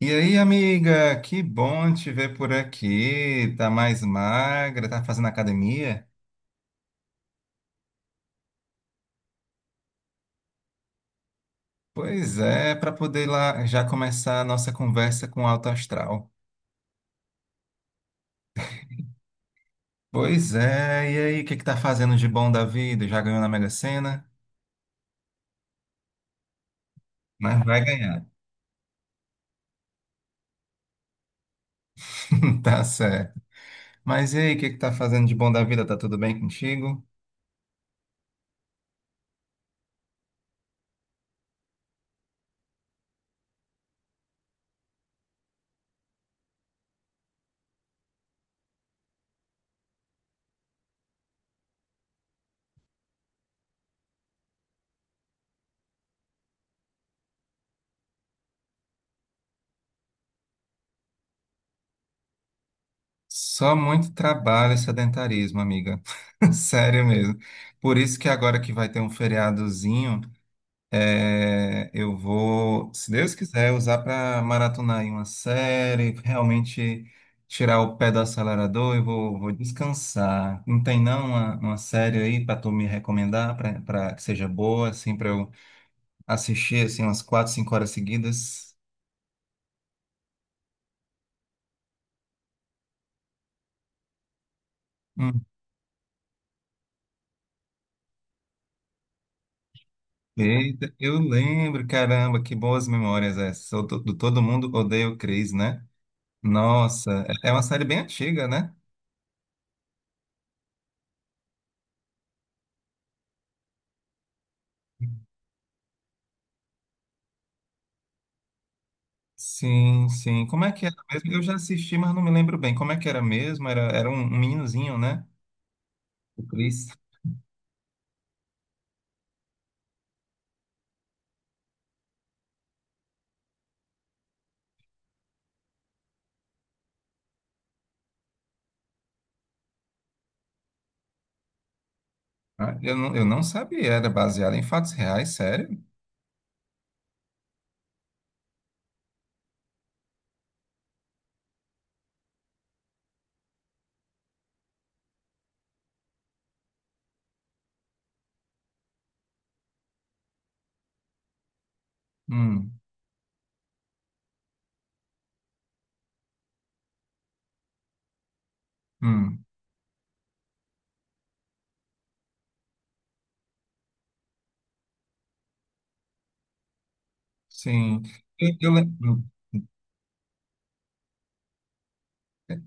E aí, amiga, que bom te ver por aqui. Tá mais magra, tá fazendo academia? Pois é, para poder lá já começar a nossa conversa com o alto astral. Pois é, e aí, o que que tá fazendo de bom da vida? Já ganhou na Mega Sena? Mas vai ganhar. Tá certo. Mas e aí, o que que tá fazendo de bom da vida? Tá tudo bem contigo? Só muito trabalho e sedentarismo, amiga. Sério mesmo. Por isso que agora que vai ter um feriadozinho. É, eu vou, se Deus quiser, usar para maratonar aí uma série, realmente tirar o pé do acelerador e vou descansar. Não tem não uma série aí para tu me recomendar, para que seja boa, assim, para eu assistir assim umas quatro, cinco horas seguidas? Hum. Eita, eu lembro, caramba, que boas memórias essas. Eu tô- Do Todo Mundo Odeia o Chris, né? Nossa, é uma série bem antiga, né? Sim, sim. Como é que era mesmo? Eu já assisti, mas não me lembro bem. Como é que era mesmo? Era um meninozinho, né? O Chris. Ah, eu não sabia. Era baseado em fatos reais, sério? Hum, hum, sim. Eu, eu lem- hum,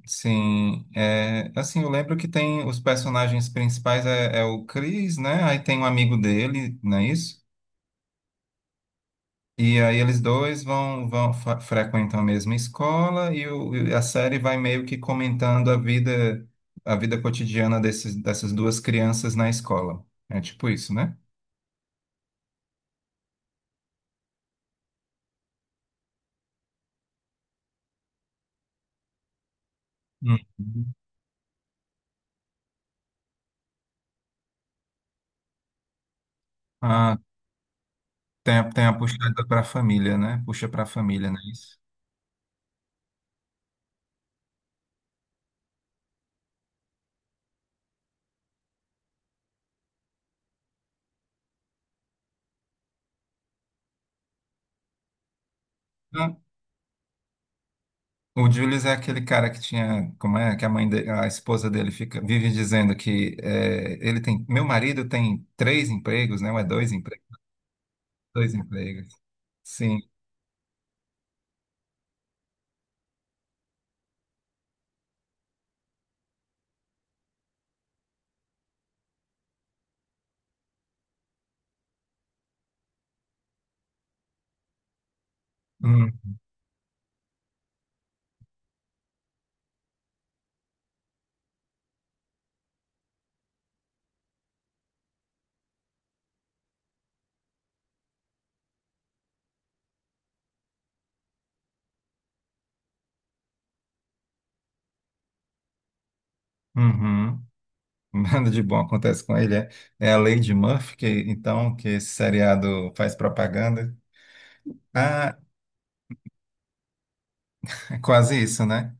sim. É, assim, eu lembro que tem os personagens principais é o Chris, né? Aí tem um amigo dele, não é isso? E aí eles dois frequentam a mesma escola e a série vai meio que comentando a vida cotidiana dessas duas crianças na escola. É tipo isso, né? Uhum. Ah, tem a puxada para a família, né? Puxa para a família, não é isso? Ah, o Julius é aquele cara que tinha, como é, que a mãe de, a esposa dele fica vive dizendo que é, ele tem, meu marido tem três empregos, né? Ou é dois empregos, dois empregos. Sim. Hum. Uhum. Nada de bom acontece com ele. É a Lady Murphy, que, então, que esse seriado faz propaganda. Ah, é quase isso, né?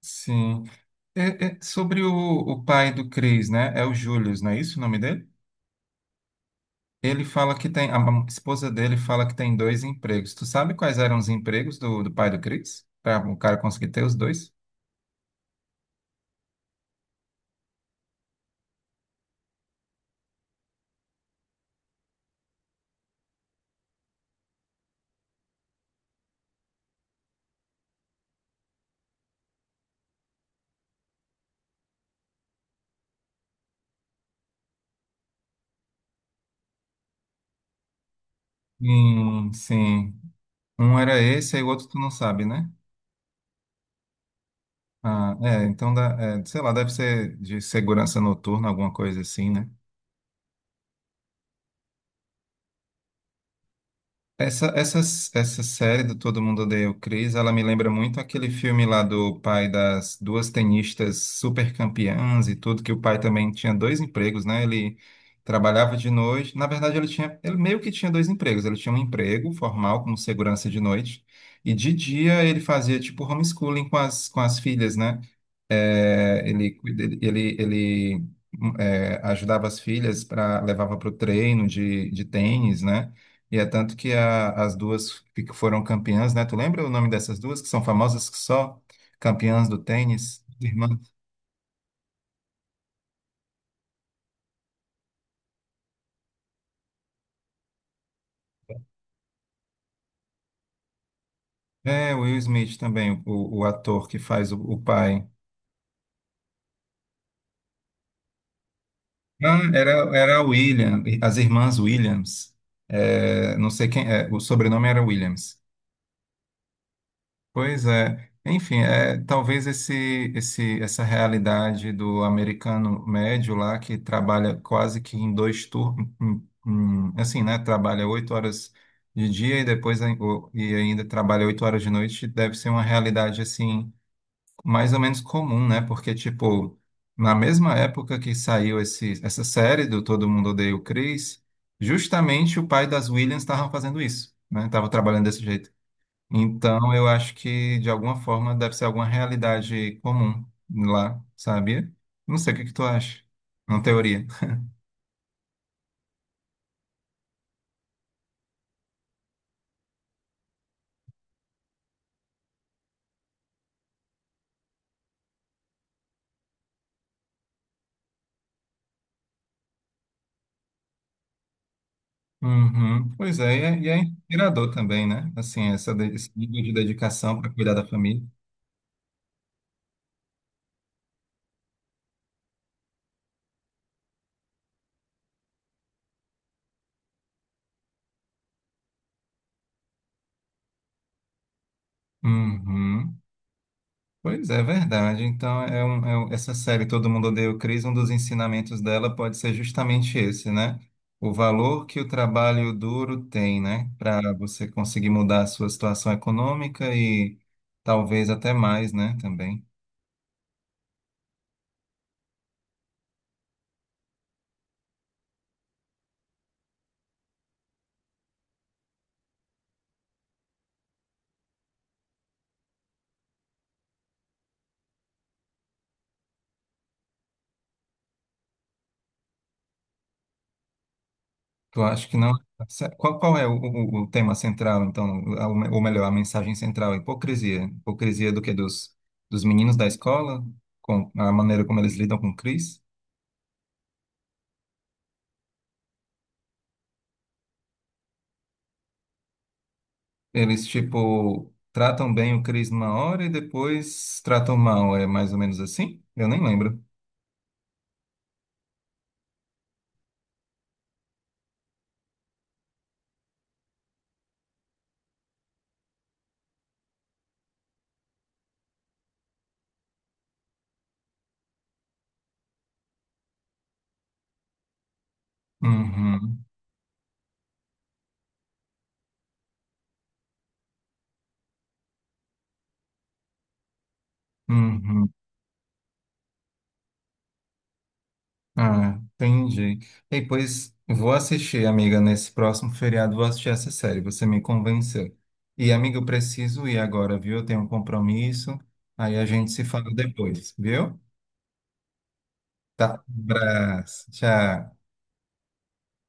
Sim. É sobre o pai do Chris, né? É o Julius, não é isso o nome dele? Ele fala que tem. A esposa dele fala que tem dois empregos. Tu sabe quais eram os empregos do pai do Chris? Para o cara conseguir ter os dois? Sim, sim. Um era esse, aí o outro tu não sabe, né? Ah, é, então, dá, é, sei lá, deve ser de segurança noturna, alguma coisa assim, né? Essa série do Todo Mundo Odeia o Chris, ela me lembra muito aquele filme lá do pai das duas tenistas super campeãs e tudo, que o pai também tinha dois empregos, né? Ele trabalhava de noite. Na verdade, ele meio que tinha dois empregos. Ele tinha um emprego formal como segurança de noite, e de dia ele fazia tipo homeschooling com as filhas, né? É, ele, é, ajudava as filhas para levava para o treino de tênis, né? E é tanto que as duas que foram campeãs, né? Tu lembra o nome dessas duas que são famosas que só campeãs do tênis? Irmã. É, o Will Smith também, o ator que faz o pai. Ah, era a William, as irmãs Williams. É, não sei quem, é, o sobrenome era Williams. Pois é. Enfim, é, talvez essa realidade do americano médio lá, que trabalha quase que em dois turnos, assim, né? Trabalha 8 horas de dia e depois e ainda trabalha 8 horas de noite, deve ser uma realidade, assim, mais ou menos comum, né? Porque, tipo, na mesma época que saiu essa série do Todo Mundo Odeia o Chris, justamente o pai das Williams estava fazendo isso, né? Estava trabalhando desse jeito. Então, eu acho que de alguma forma deve ser alguma realidade comum lá, sabia? Não sei o que que tu acha. Uma teoria. Uhum. Pois é, e é inspirador também, né? Assim, esse nível de dedicação para cuidar da família. Uhum. Pois é, verdade. Então, essa série Todo Mundo Odeia o Chris, um dos ensinamentos dela pode ser justamente esse, né? O valor que o trabalho duro tem, né? Para você conseguir mudar a sua situação econômica e talvez até mais, né? Também. Tu acha que não? Qual é o tema central, então? Ou melhor, a mensagem central? A hipocrisia. Hipocrisia do quê? Dos meninos da escola? Com a maneira como eles lidam com o Chris? Eles, tipo, tratam bem o Chris uma hora e depois tratam mal, é mais ou menos assim? Eu nem lembro. Uhum, uhum. Ah, entendi. E pois vou assistir, amiga, nesse próximo feriado, vou assistir essa série, você me convenceu. E, amiga, eu preciso ir agora, viu? Eu tenho um compromisso, aí a gente se fala depois, viu? Tá, um abraço, tchau.